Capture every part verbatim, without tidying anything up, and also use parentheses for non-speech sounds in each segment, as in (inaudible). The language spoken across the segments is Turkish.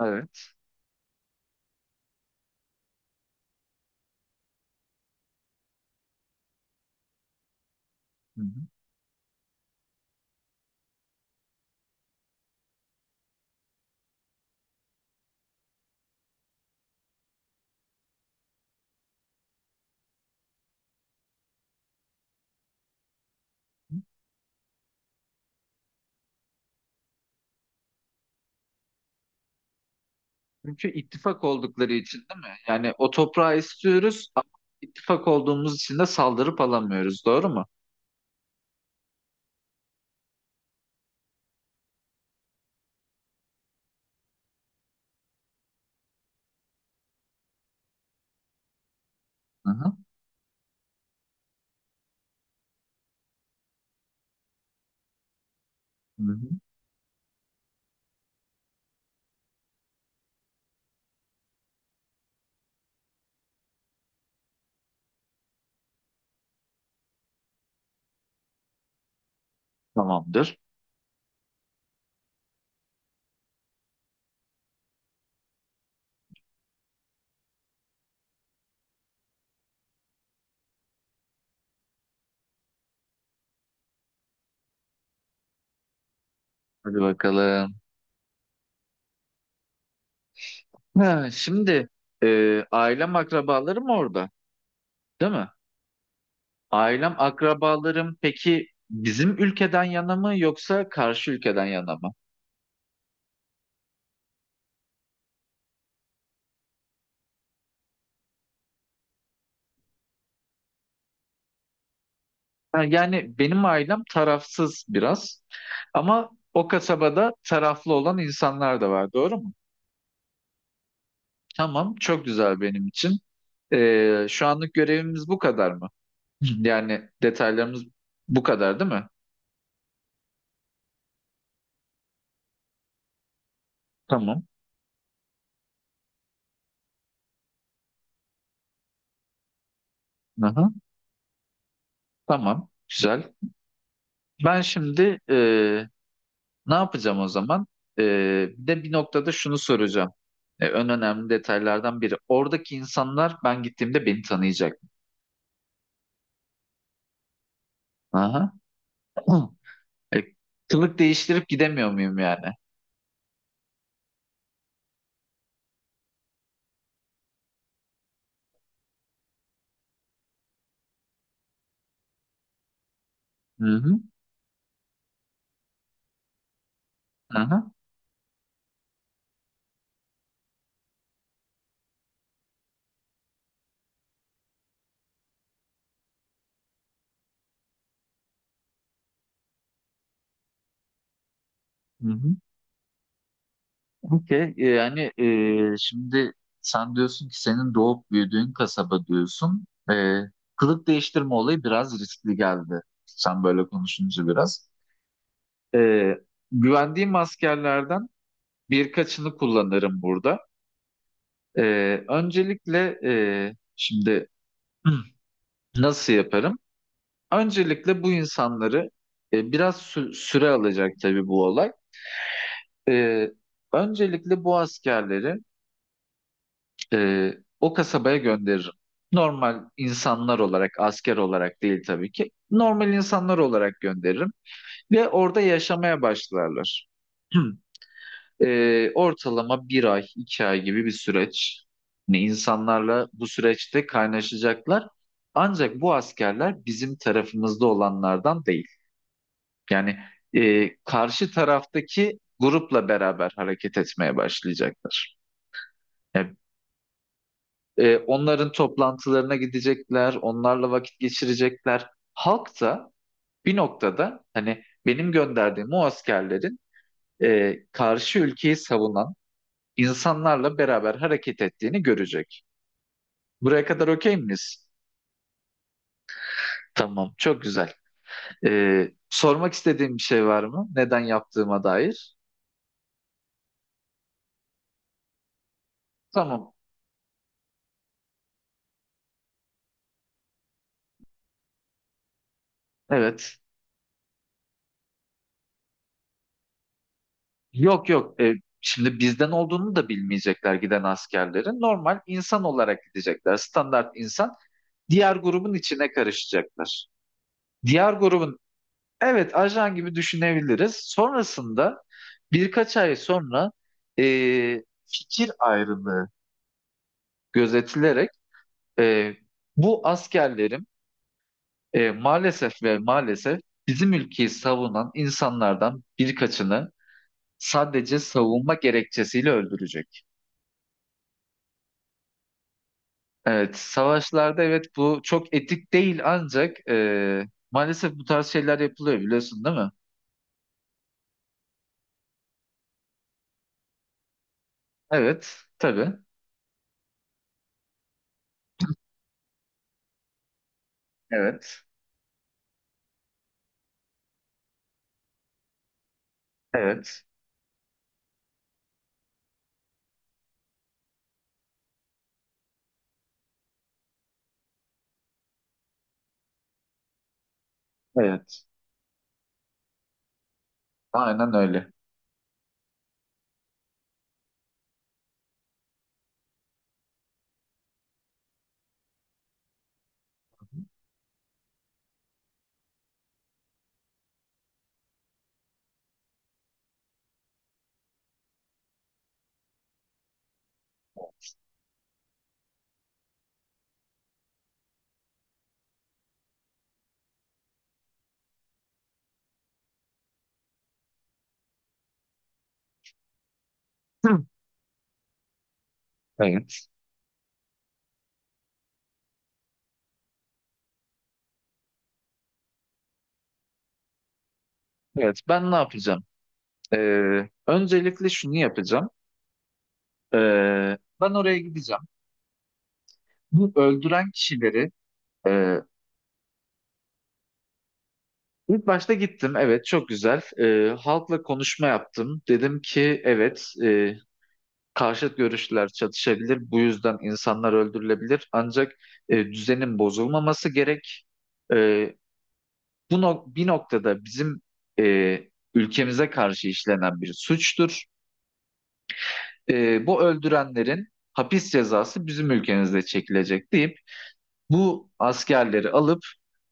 Evet. Hı hı. Çünkü ittifak oldukları için değil mi? Yani o toprağı istiyoruz ama ittifak olduğumuz için de saldırıp alamıyoruz. Doğru mu? Hı hı. Hı hı. Tamamdır. Hadi bakalım. Ha, şimdi e, ailem akrabalarım orada, değil mi? Ailem akrabalarım peki bizim ülkeden yana mı yoksa karşı ülkeden yana mı? Ha, yani benim ailem tarafsız biraz ama o kasabada taraflı olan insanlar da var. Doğru mu? Tamam, çok güzel benim için. Ee, şu anlık görevimiz bu kadar mı? (clears throat) Yani detaylarımız bu kadar değil mi? Tamam. Aha, tamam, güzel. Ben şimdi e, ne yapacağım o zaman? E, Bir de bir noktada şunu soracağım. E, en önemli detaylardan biri. Oradaki insanlar ben gittiğimde beni tanıyacak. Aha. (clears throat) E, Kılık değiştirip gidemiyor muyum yani? Hı hı. Aha. Hı hı. Okey, e, yani e, şimdi sen diyorsun ki senin doğup büyüdüğün kasaba diyorsun. E, kılık değiştirme olayı biraz riskli geldi. Sen böyle konuşunca biraz. E, Güvendiğim askerlerden birkaçını kullanırım burada. E, Öncelikle e, şimdi (clears throat) nasıl yaparım? Öncelikle bu insanları e, biraz sü- süre alacak tabii bu olay. E, Öncelikle bu askerleri Ee, o kasabaya gönderirim. Normal insanlar olarak, asker olarak değil tabii ki. Normal insanlar olarak gönderirim ve orada yaşamaya başlarlar. (clears throat) Ee, ortalama bir ay, iki ay gibi bir süreç. Yani insanlarla bu süreçte kaynaşacaklar. Ancak bu askerler bizim tarafımızda olanlardan değil. Yani e, karşı taraftaki grupla beraber hareket etmeye başlayacaklar. Ya E, onların toplantılarına gidecekler, onlarla vakit geçirecekler. Halk da bir noktada hani benim gönderdiğim o askerlerin e, karşı ülkeyi savunan insanlarla beraber hareket ettiğini görecek. Buraya kadar okey miyiz? Tamam, çok güzel. E, sormak istediğim bir şey var mı? Neden yaptığıma dair? Tamam, evet. Yok yok. E, Şimdi bizden olduğunu da bilmeyecekler giden askerlerin. Normal insan olarak gidecekler. Standart insan diğer grubun içine karışacaklar. Diğer grubun evet ajan gibi düşünebiliriz. Sonrasında birkaç ay sonra e, fikir ayrılığı gözetilerek e, bu askerlerim e, maalesef ve maalesef bizim ülkeyi savunan insanlardan birkaçını sadece savunma gerekçesiyle öldürecek. Evet, savaşlarda evet bu çok etik değil ancak e, maalesef bu tarz şeyler yapılıyor biliyorsun değil mi? Evet, tabii. Evet. Evet. Evet. Aynen öyle. (clears throat) Hı. Evet. Evet. Ben ne yapacağım? Ee, öncelikle şunu yapacağım. Ee, ben oraya gideceğim. Bu öldüren kişileri e, ilk başta gittim. Evet, çok güzel. Ee, halkla konuşma yaptım. Dedim ki evet, e, karşıt görüşler çatışabilir. Bu yüzden insanlar öldürülebilir. Ancak e, düzenin bozulmaması gerek. E, Bu nok- bir noktada bizim e, ülkemize karşı işlenen bir suçtur. E, bu öldürenlerin hapis cezası bizim ülkemizde çekilecek deyip bu askerleri alıp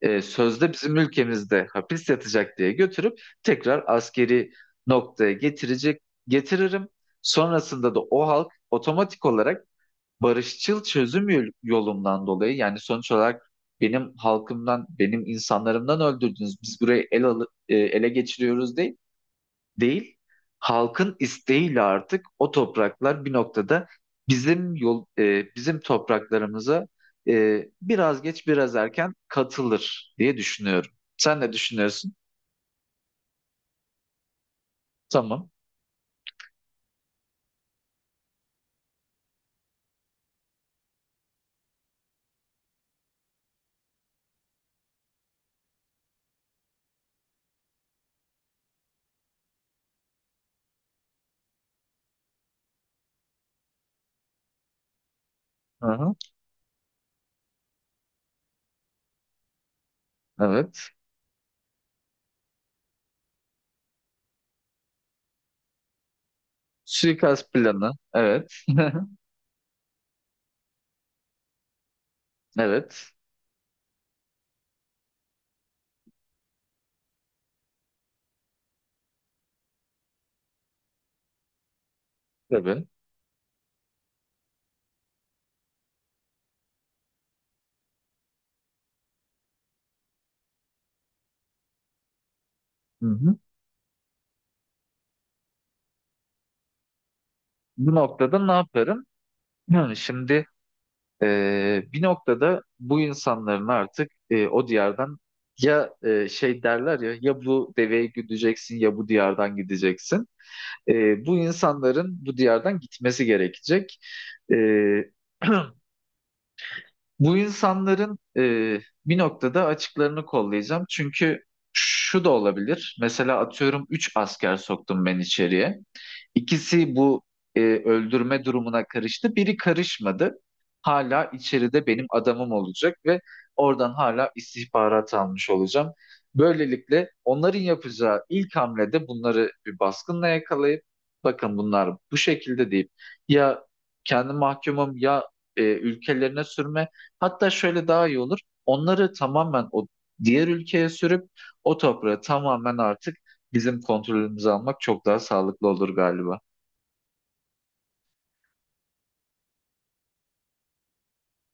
e, sözde bizim ülkemizde hapis yatacak diye götürüp tekrar askeri noktaya getirecek getiririm. Sonrasında da o halk otomatik olarak barışçıl çözüm yol- yolundan dolayı yani sonuç olarak benim halkımdan, benim insanlarımdan öldürdünüz. Biz burayı el alı- e, ele geçiriyoruz değil. Değil. Halkın isteğiyle artık o topraklar bir noktada bizim yol e, bizim topraklarımıza e, biraz geç biraz erken katılır diye düşünüyorum. Sen ne düşünüyorsun? Tamam. Hı hı. Evet. Suikast planı. Evet. (laughs) Evet. Tabii. Hı hı. Bu noktada ne yaparım? Yani şimdi e, bir noktada bu insanların artık e, o diyardan ya e, şey derler ya ya bu deveyi gideceksin ya bu diyardan gideceksin. E, bu insanların bu diyardan gitmesi gerekecek. E, (clears throat) Bu insanların e, bir noktada açıklarını kollayacağım. Çünkü şu da olabilir. Mesela atıyorum üç asker soktum ben içeriye. İkisi bu e, öldürme durumuna karıştı. Biri karışmadı. Hala içeride benim adamım olacak ve oradan hala istihbarat almış olacağım. Böylelikle onların yapacağı ilk hamlede bunları bir baskınla yakalayıp bakın bunlar bu şekilde deyip ya kendi mahkumum ya e, ülkelerine sürme. Hatta şöyle daha iyi olur. Onları tamamen o diğer ülkeye sürüp o toprağı tamamen artık bizim kontrolümüze almak çok daha sağlıklı olur galiba.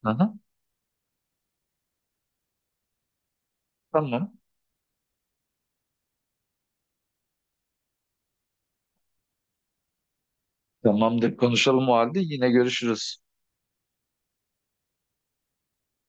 Aha, tamam. Tamamdır. Konuşalım o halde. Yine görüşürüz.